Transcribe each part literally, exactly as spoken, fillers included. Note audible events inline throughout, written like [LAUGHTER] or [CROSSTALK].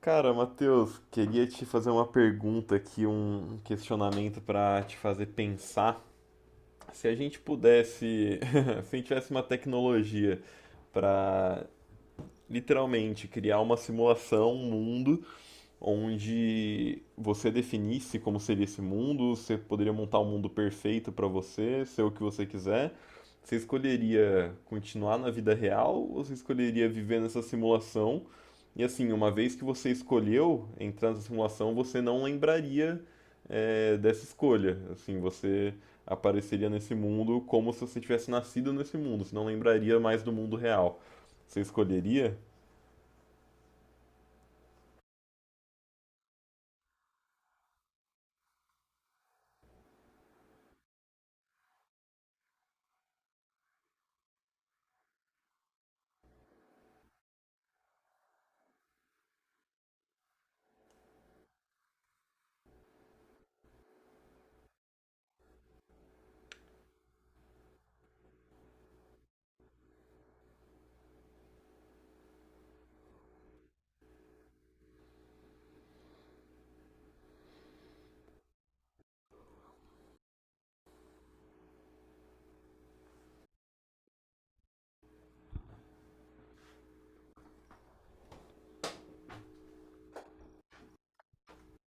Cara, Matheus, queria te fazer uma pergunta aqui, um questionamento para te fazer pensar. Se a gente pudesse, [LAUGHS] se a gente tivesse uma tecnologia para literalmente criar uma simulação, um mundo onde você definisse como seria esse mundo, você poderia montar um mundo perfeito para você, ser o que você quiser. Você escolheria continuar na vida real ou você escolheria viver nessa simulação? E assim, uma vez que você escolheu entrar nessa simulação, você não lembraria, eh, dessa escolha. Assim, você apareceria nesse mundo como se você tivesse nascido nesse mundo, você não lembraria mais do mundo real. Você escolheria?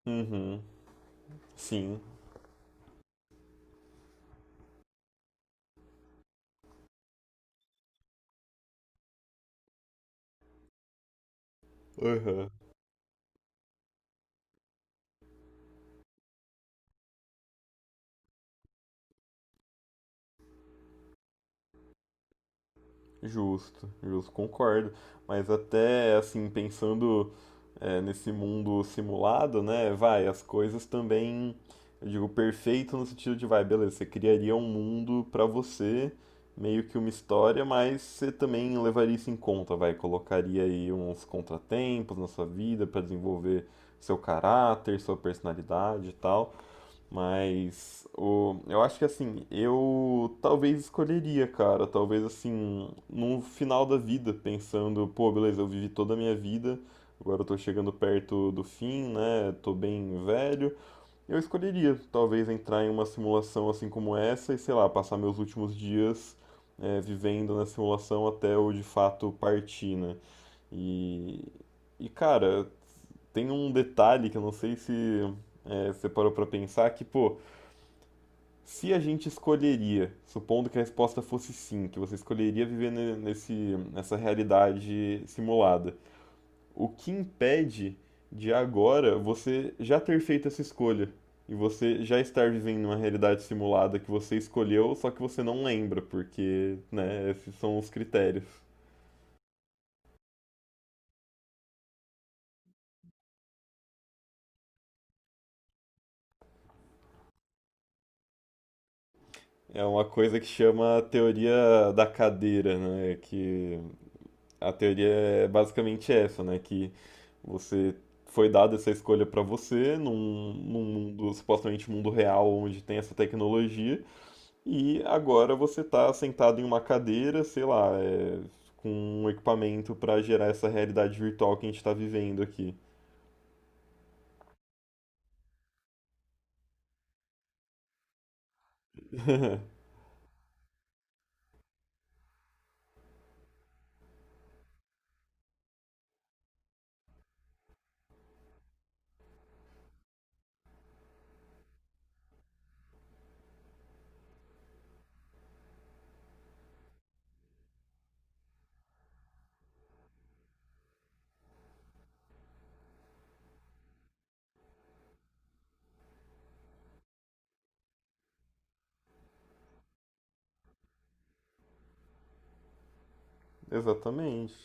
Uhum, sim. Uhum. Justo, justo, concordo. Mas até assim, pensando é, nesse mundo simulado, né? Vai, as coisas também, eu digo, perfeito no sentido de, vai, beleza, você criaria um mundo pra você, meio que uma história, mas você também levaria isso em conta, vai, colocaria aí uns contratempos na sua vida pra desenvolver seu caráter, sua personalidade e tal. Mas o, eu acho que assim, eu talvez escolheria, cara, talvez assim, no final da vida, pensando, pô, beleza, eu vivi toda a minha vida, agora eu tô chegando perto do fim, né? Tô bem velho. Eu escolheria, talvez, entrar em uma simulação assim como essa e, sei lá, passar meus últimos dias é, vivendo na simulação até eu de fato partir, né? E, e cara, tem um detalhe que eu não sei se é, você parou pra pensar, que, pô. Se a gente escolheria, supondo que a resposta fosse sim, que você escolheria viver ne- nesse, nessa realidade simulada, o que impede de agora você já ter feito essa escolha? E você já estar vivendo uma realidade simulada que você escolheu, só que você não lembra, porque, né, esses são os critérios. É uma coisa que chama a teoria da cadeira, né? Que a teoria é basicamente essa, né? Que você foi dada essa escolha para você num, num mundo, supostamente um mundo real, onde tem essa tecnologia, e agora você está sentado em uma cadeira, sei lá, é, com um equipamento para gerar essa realidade virtual que a gente está vivendo aqui. [LAUGHS] Exatamente.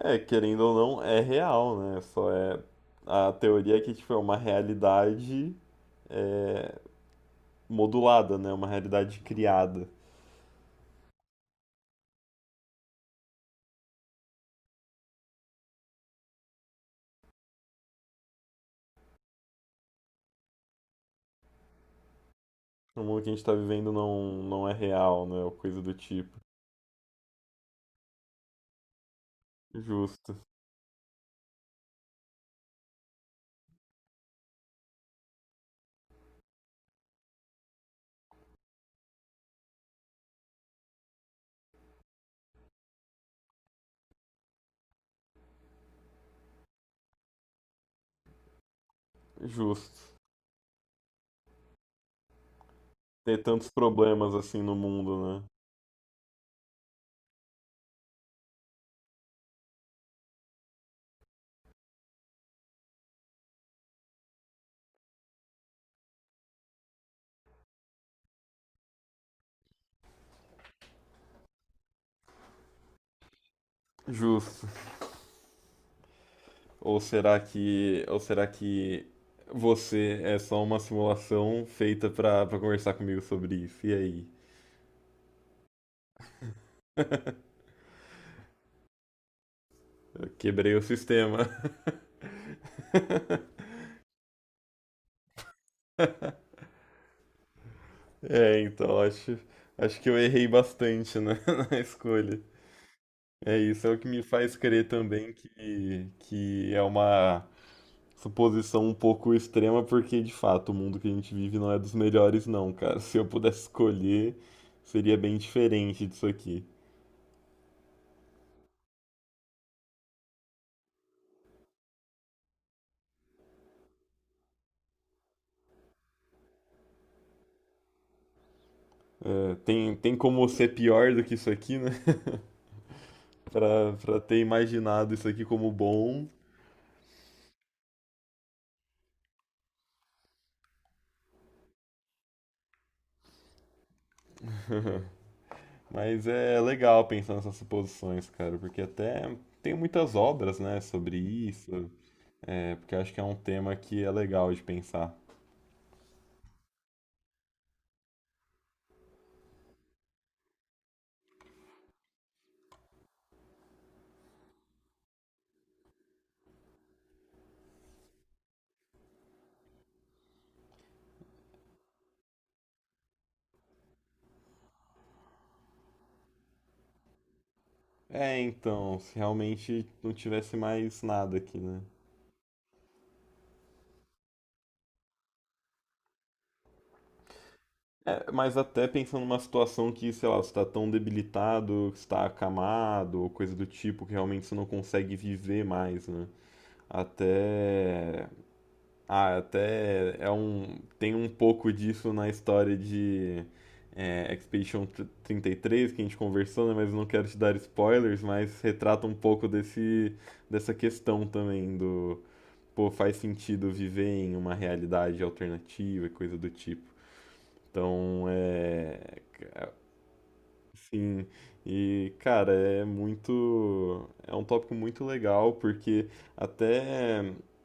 É, querendo ou não, é real, né? Só é a teoria é que tipo é uma realidade é, modulada, né? Uma realidade criada. O mundo que a gente está vivendo não, não é real, né? Ou coisa do tipo. Justo, justo. Ter tantos problemas assim no mundo, né? Justo. Ou será que, ou será que você é só uma simulação feita pra, pra conversar comigo sobre isso? E aí? [LAUGHS] Eu quebrei o sistema. [LAUGHS] É, então acho, acho que eu errei bastante na, [LAUGHS] na escolha. É isso, é o que me faz crer também que, que é uma suposição um pouco extrema, porque de fato o mundo que a gente vive não é dos melhores, não, cara. Se eu pudesse escolher, seria bem diferente disso aqui. É, tem, tem como ser pior do que isso aqui, né? [LAUGHS] Pra, pra ter imaginado isso aqui como bom. [LAUGHS] Mas é legal pensar nessas suposições, cara, porque até tem muitas obras, né, sobre isso. É, porque acho que é um tema que é legal de pensar. É, então, se realmente não tivesse mais nada aqui, né? É, mas até pensando numa situação que, sei lá, você está tão debilitado, que está acamado, ou coisa do tipo, que realmente você não consegue viver mais, né? Até. Ah, até é um. Tem um pouco disso na história de é, Expedition tr- trinta e três que a gente conversou, né? Mas eu não quero te dar spoilers, mas retrata um pouco desse, dessa questão também do. Pô, faz sentido viver em uma realidade alternativa e coisa do tipo. Então, é. Sim, e cara, é muito. É um tópico muito legal, porque até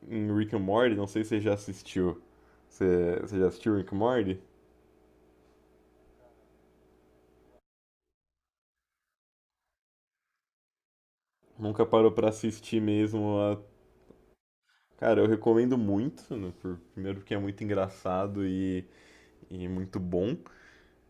em Rick and Morty, não sei se você já assistiu. Você, você já assistiu Rick and Morty? Nunca parou pra assistir mesmo a. Cara, eu recomendo muito, né, por- primeiro porque é muito engraçado e, e muito bom.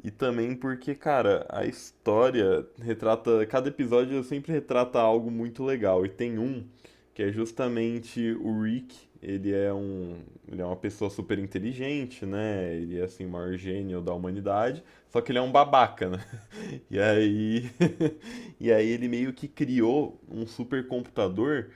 E também porque, cara, a história retrata. Cada episódio sempre retrata algo muito legal. E tem um que é justamente o Rick. Ele é um, ele é uma pessoa super inteligente, né? Ele é assim o maior gênio da humanidade, só que ele é um babaca, né? E aí [LAUGHS] e aí ele meio que criou um supercomputador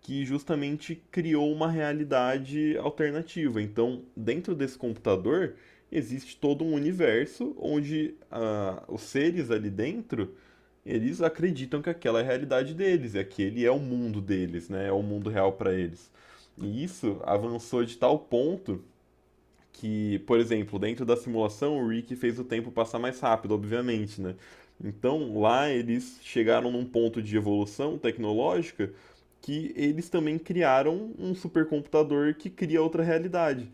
que justamente criou uma realidade alternativa. Então, dentro desse computador, existe todo um universo onde ah, os seres ali dentro eles acreditam que aquela é a realidade deles, e aquele é o mundo deles, né? É o mundo real para eles. E isso avançou de tal ponto que, por exemplo, dentro da simulação, o Rick fez o tempo passar mais rápido, obviamente, né? Então, lá eles chegaram num ponto de evolução tecnológica que eles também criaram um supercomputador que cria outra realidade.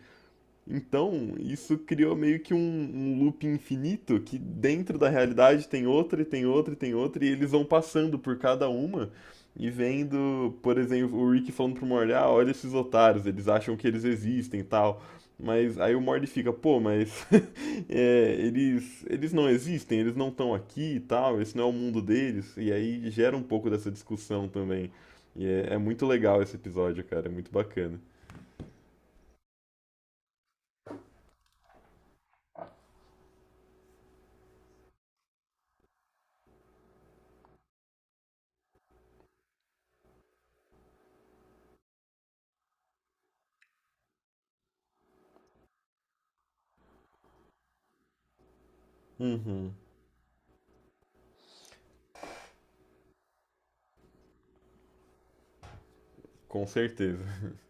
Então, isso criou meio que um, um loop infinito que dentro da realidade tem outra e tem outra e tem outra, e eles vão passando por cada uma e vendo, por exemplo, o Rick falando pro Morty, ah, olha esses otários, eles acham que eles existem e tal. Mas aí o Morty fica, pô, mas [LAUGHS] é, eles, eles não existem, eles não estão aqui e tal, esse não é o mundo deles. E aí gera um pouco dessa discussão também. E é, é muito legal esse episódio, cara, é muito bacana. Uhum, com certeza. [LAUGHS]